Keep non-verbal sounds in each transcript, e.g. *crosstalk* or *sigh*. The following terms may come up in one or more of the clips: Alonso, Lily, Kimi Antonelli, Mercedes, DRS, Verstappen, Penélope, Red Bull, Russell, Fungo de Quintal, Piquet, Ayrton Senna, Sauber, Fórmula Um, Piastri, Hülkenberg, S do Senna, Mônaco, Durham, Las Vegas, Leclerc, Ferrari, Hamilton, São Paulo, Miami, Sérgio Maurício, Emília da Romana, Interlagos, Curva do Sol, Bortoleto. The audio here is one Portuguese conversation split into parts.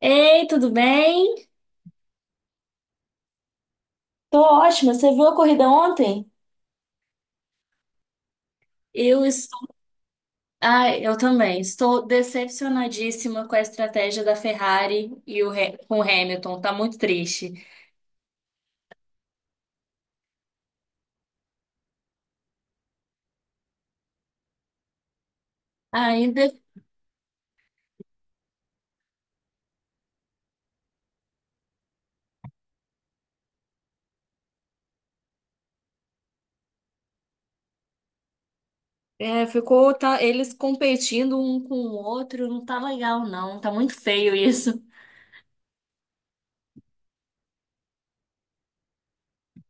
Ei, tudo bem? Tô ótima. Você viu a corrida ontem? Eu estou. Ah, eu também. Estou decepcionadíssima com a estratégia da Ferrari e o com o Hamilton. Tá muito triste. Ainda é, ficou, eles competindo um com o outro. Não tá legal, não. Tá muito feio isso.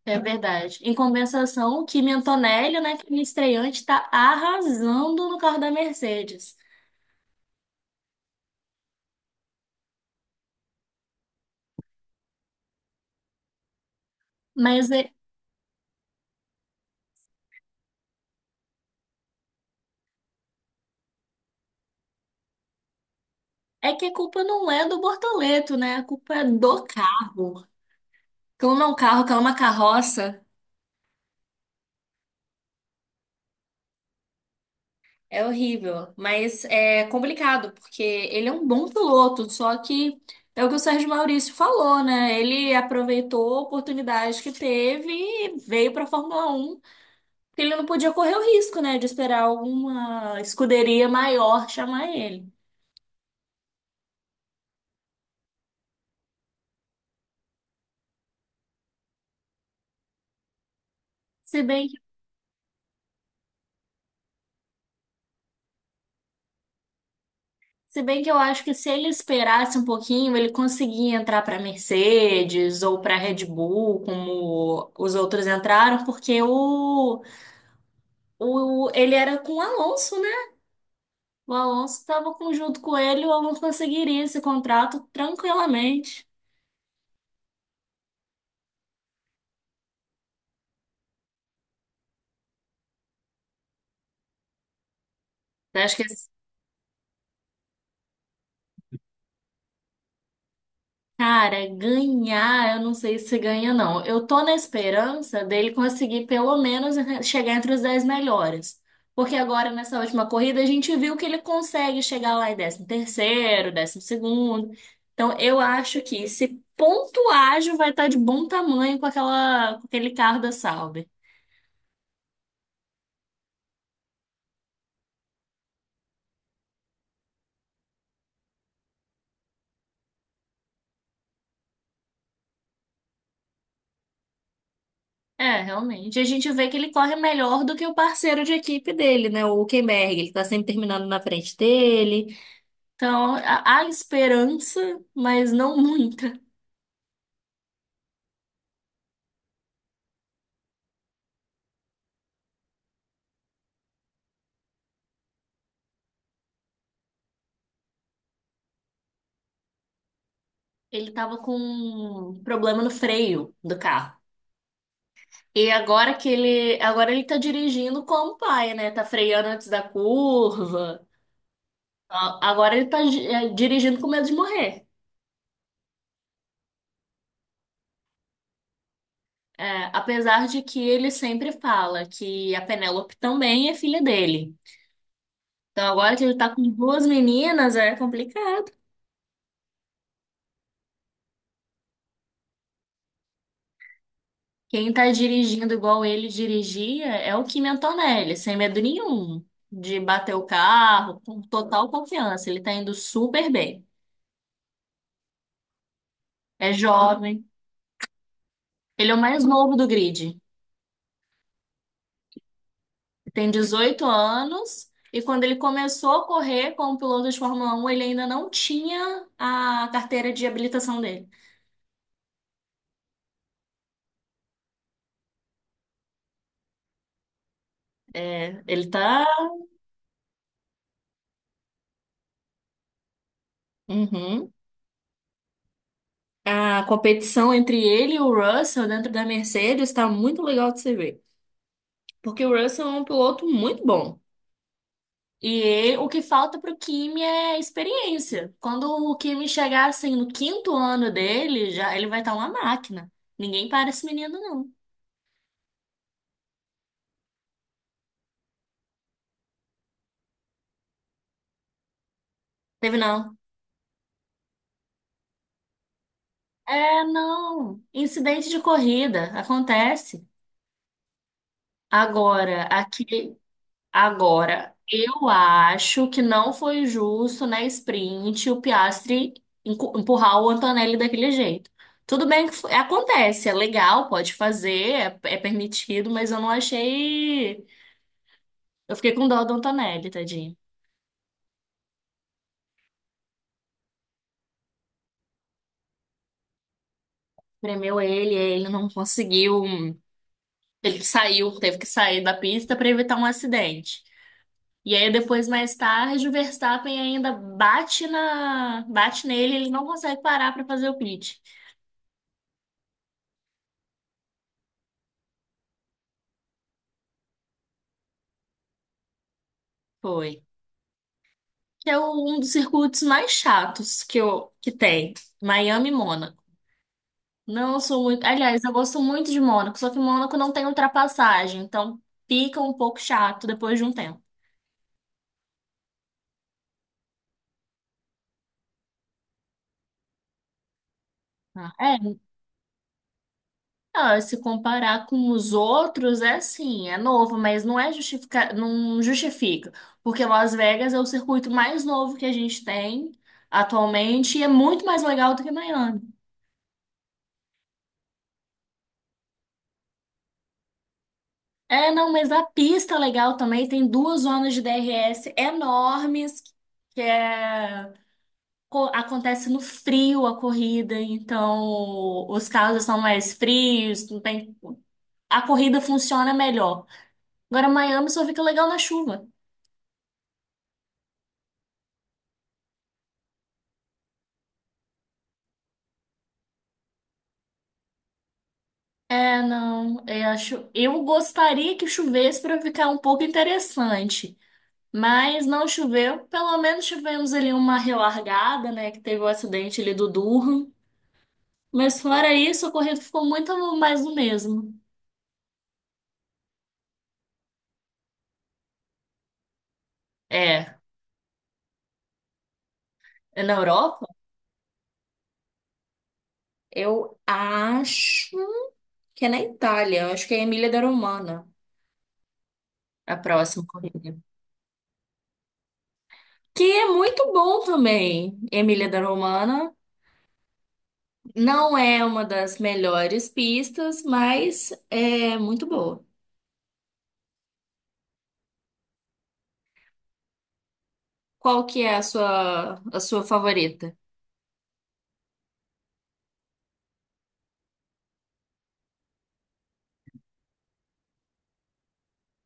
É verdade. Em compensação, o Kimi Antonelli, né, que é minha estreante, tá arrasando no carro da Mercedes. Mas é, é que a culpa não é do Bortoleto, né? A culpa é do carro. Clona um carro, clona uma carroça. É horrível, mas é complicado, porque ele é um bom piloto, só que é o que o Sérgio Maurício falou, né? Ele aproveitou a oportunidade que teve e veio para a Fórmula Um, porque ele não podia correr o risco, né, de esperar alguma escuderia maior chamar ele. Se bem, se bem que eu acho que se ele esperasse um pouquinho, ele conseguia entrar para Mercedes ou para Red Bull, como os outros entraram, porque ele era com o Alonso, né? O Alonso estava junto com ele, o Alonso conseguiria esse contrato tranquilamente. Eu acho que esse cara, ganhar, eu não sei se ganha, não. Eu tô na esperança dele conseguir pelo menos chegar entre os 10 melhores. Porque agora, nessa última corrida, a gente viu que ele consegue chegar lá em 13º, 12º. Então, eu acho que esse ponto vai estar de bom tamanho com aquele carro da Sauber. É, realmente. A gente vê que ele corre melhor do que o parceiro de equipe dele, né? O Hülkenberg. Ele tá sempre terminando na frente dele. Então, há esperança, mas não *laughs* muita. Ele tava com um problema no freio do carro. E agora ele tá dirigindo como pai, né? Tá freando antes da curva. Agora ele tá dirigindo com medo de morrer. É, apesar de que ele sempre fala que a Penélope também é filha dele. Então, agora que ele tá com duas meninas, é complicado. Quem tá dirigindo igual ele dirigia é o Kim Antonelli, sem medo nenhum de bater o carro, com total confiança. Ele tá indo super bem. É jovem. Ele é o mais novo do grid. Tem 18 anos. E quando ele começou a correr como piloto de Fórmula 1, ele ainda não tinha a carteira de habilitação dele. É, ele tá. Uhum. A competição entre ele e o Russell dentro da Mercedes está muito legal de se ver. Porque o Russell é um piloto muito bom. O que falta para o Kimi é experiência. Quando o Kimi chegar assim no quinto ano dele, já ele vai estar uma máquina. Ninguém para esse menino, não. Teve não. É, não. Incidente de corrida acontece. Agora, aqui. Agora, eu acho que não foi justo na sprint o Piastri empurrar o Antonelli daquele jeito. Tudo bem que foi- Acontece, é legal, pode fazer, é, é permitido, mas eu não achei. Eu fiquei com dó do Antonelli, tadinho. Premeu ele, ele não conseguiu. Ele saiu, teve que sair da pista para evitar um acidente. E aí depois, mais tarde, o Verstappen ainda bate nele, ele não consegue parar para fazer o pit. Foi. Que é o- um dos circuitos mais chatos que, eu, que tem. Miami e Mônaco. Não sou muito. Aliás, eu gosto muito de Mônaco, só que Mônaco não tem ultrapassagem, então fica um pouco chato depois de um tempo. Ah, é. Ah, se comparar com os outros, é assim, é novo, mas não é justifica, não justifica, porque Las Vegas é o circuito mais novo que a gente tem atualmente e é muito mais legal do que Miami. É, não, mas a pista é legal, também tem duas zonas de DRS enormes, que é, acontece no frio a corrida, então os carros são mais frios, não tem, a corrida funciona melhor. Agora, Miami só fica legal na chuva. É, não, eu acho, eu gostaria que chovesse para ficar um pouco interessante, mas não choveu, pelo menos tivemos ali uma relargada, né, que teve o acidente ali do Durham. Mas fora isso, o corrido ficou muito mais do mesmo. É. É na Europa? Eu acho que é na Itália, eu acho que é Emília da Romana. A próxima corrida. Que é muito bom também, Emília da Romana. Não é uma das melhores pistas, mas é muito boa. Qual que é a sua favorita?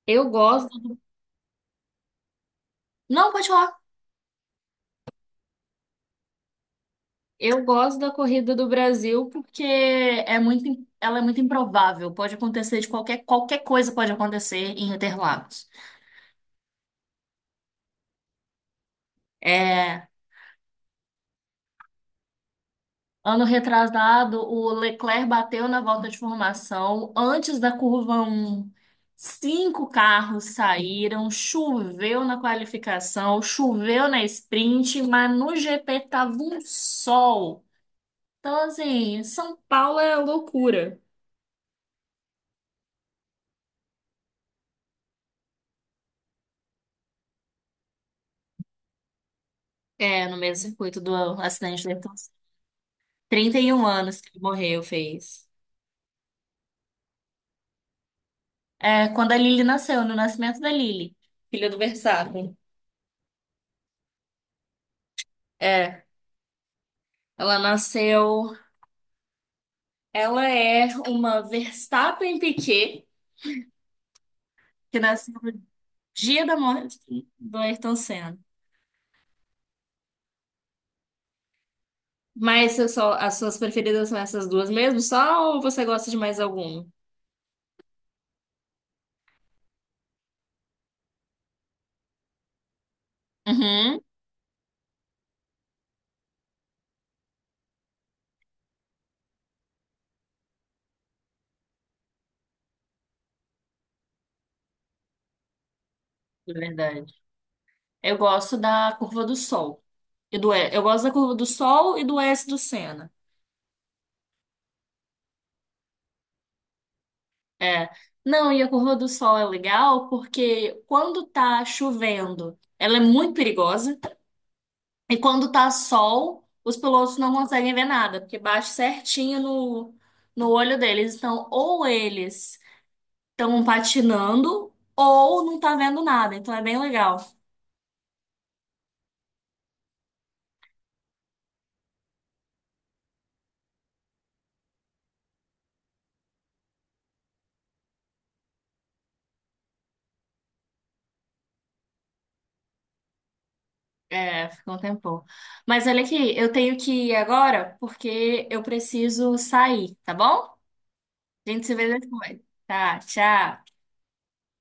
Eu gosto. Não, pode falar. Eu gosto da corrida do Brasil porque é muito, ela é muito improvável. Pode acontecer de qualquer coisa pode acontecer em Interlagos. É, ano retrasado, o Leclerc bateu na volta de formação antes da curva um. Cinco carros saíram, choveu na qualificação, choveu na sprint, mas no GP tava um sol. Então, assim, São Paulo é loucura. É, no mesmo circuito do acidente do, 31 anos que ele morreu, fez. É, quando a Lily nasceu, no nascimento da Lily, filha do Verstappen. É, ela nasceu. Ela é uma Verstappen Piquet, que nasceu no dia da morte do Ayrton Senna. Mas eu só, as suas preferidas são essas duas mesmo, só, ou você gosta de mais alguma? Uhum, é verdade. Eu gosto da Curva do Sol. Eu gosto da Curva do Sol e do S do Senna. É. Não, e a Curva do Sol é legal porque quando tá chovendo, ela é muito perigosa. E quando tá sol, os pilotos não conseguem ver nada, porque bate certinho no olho deles. Então, ou eles estão patinando, ou não tá vendo nada. Então, é bem legal. É, ficou um tempão. Mas olha aqui, eu tenho que ir agora porque eu preciso sair, tá bom? A gente se vê depois. Tá, tchau.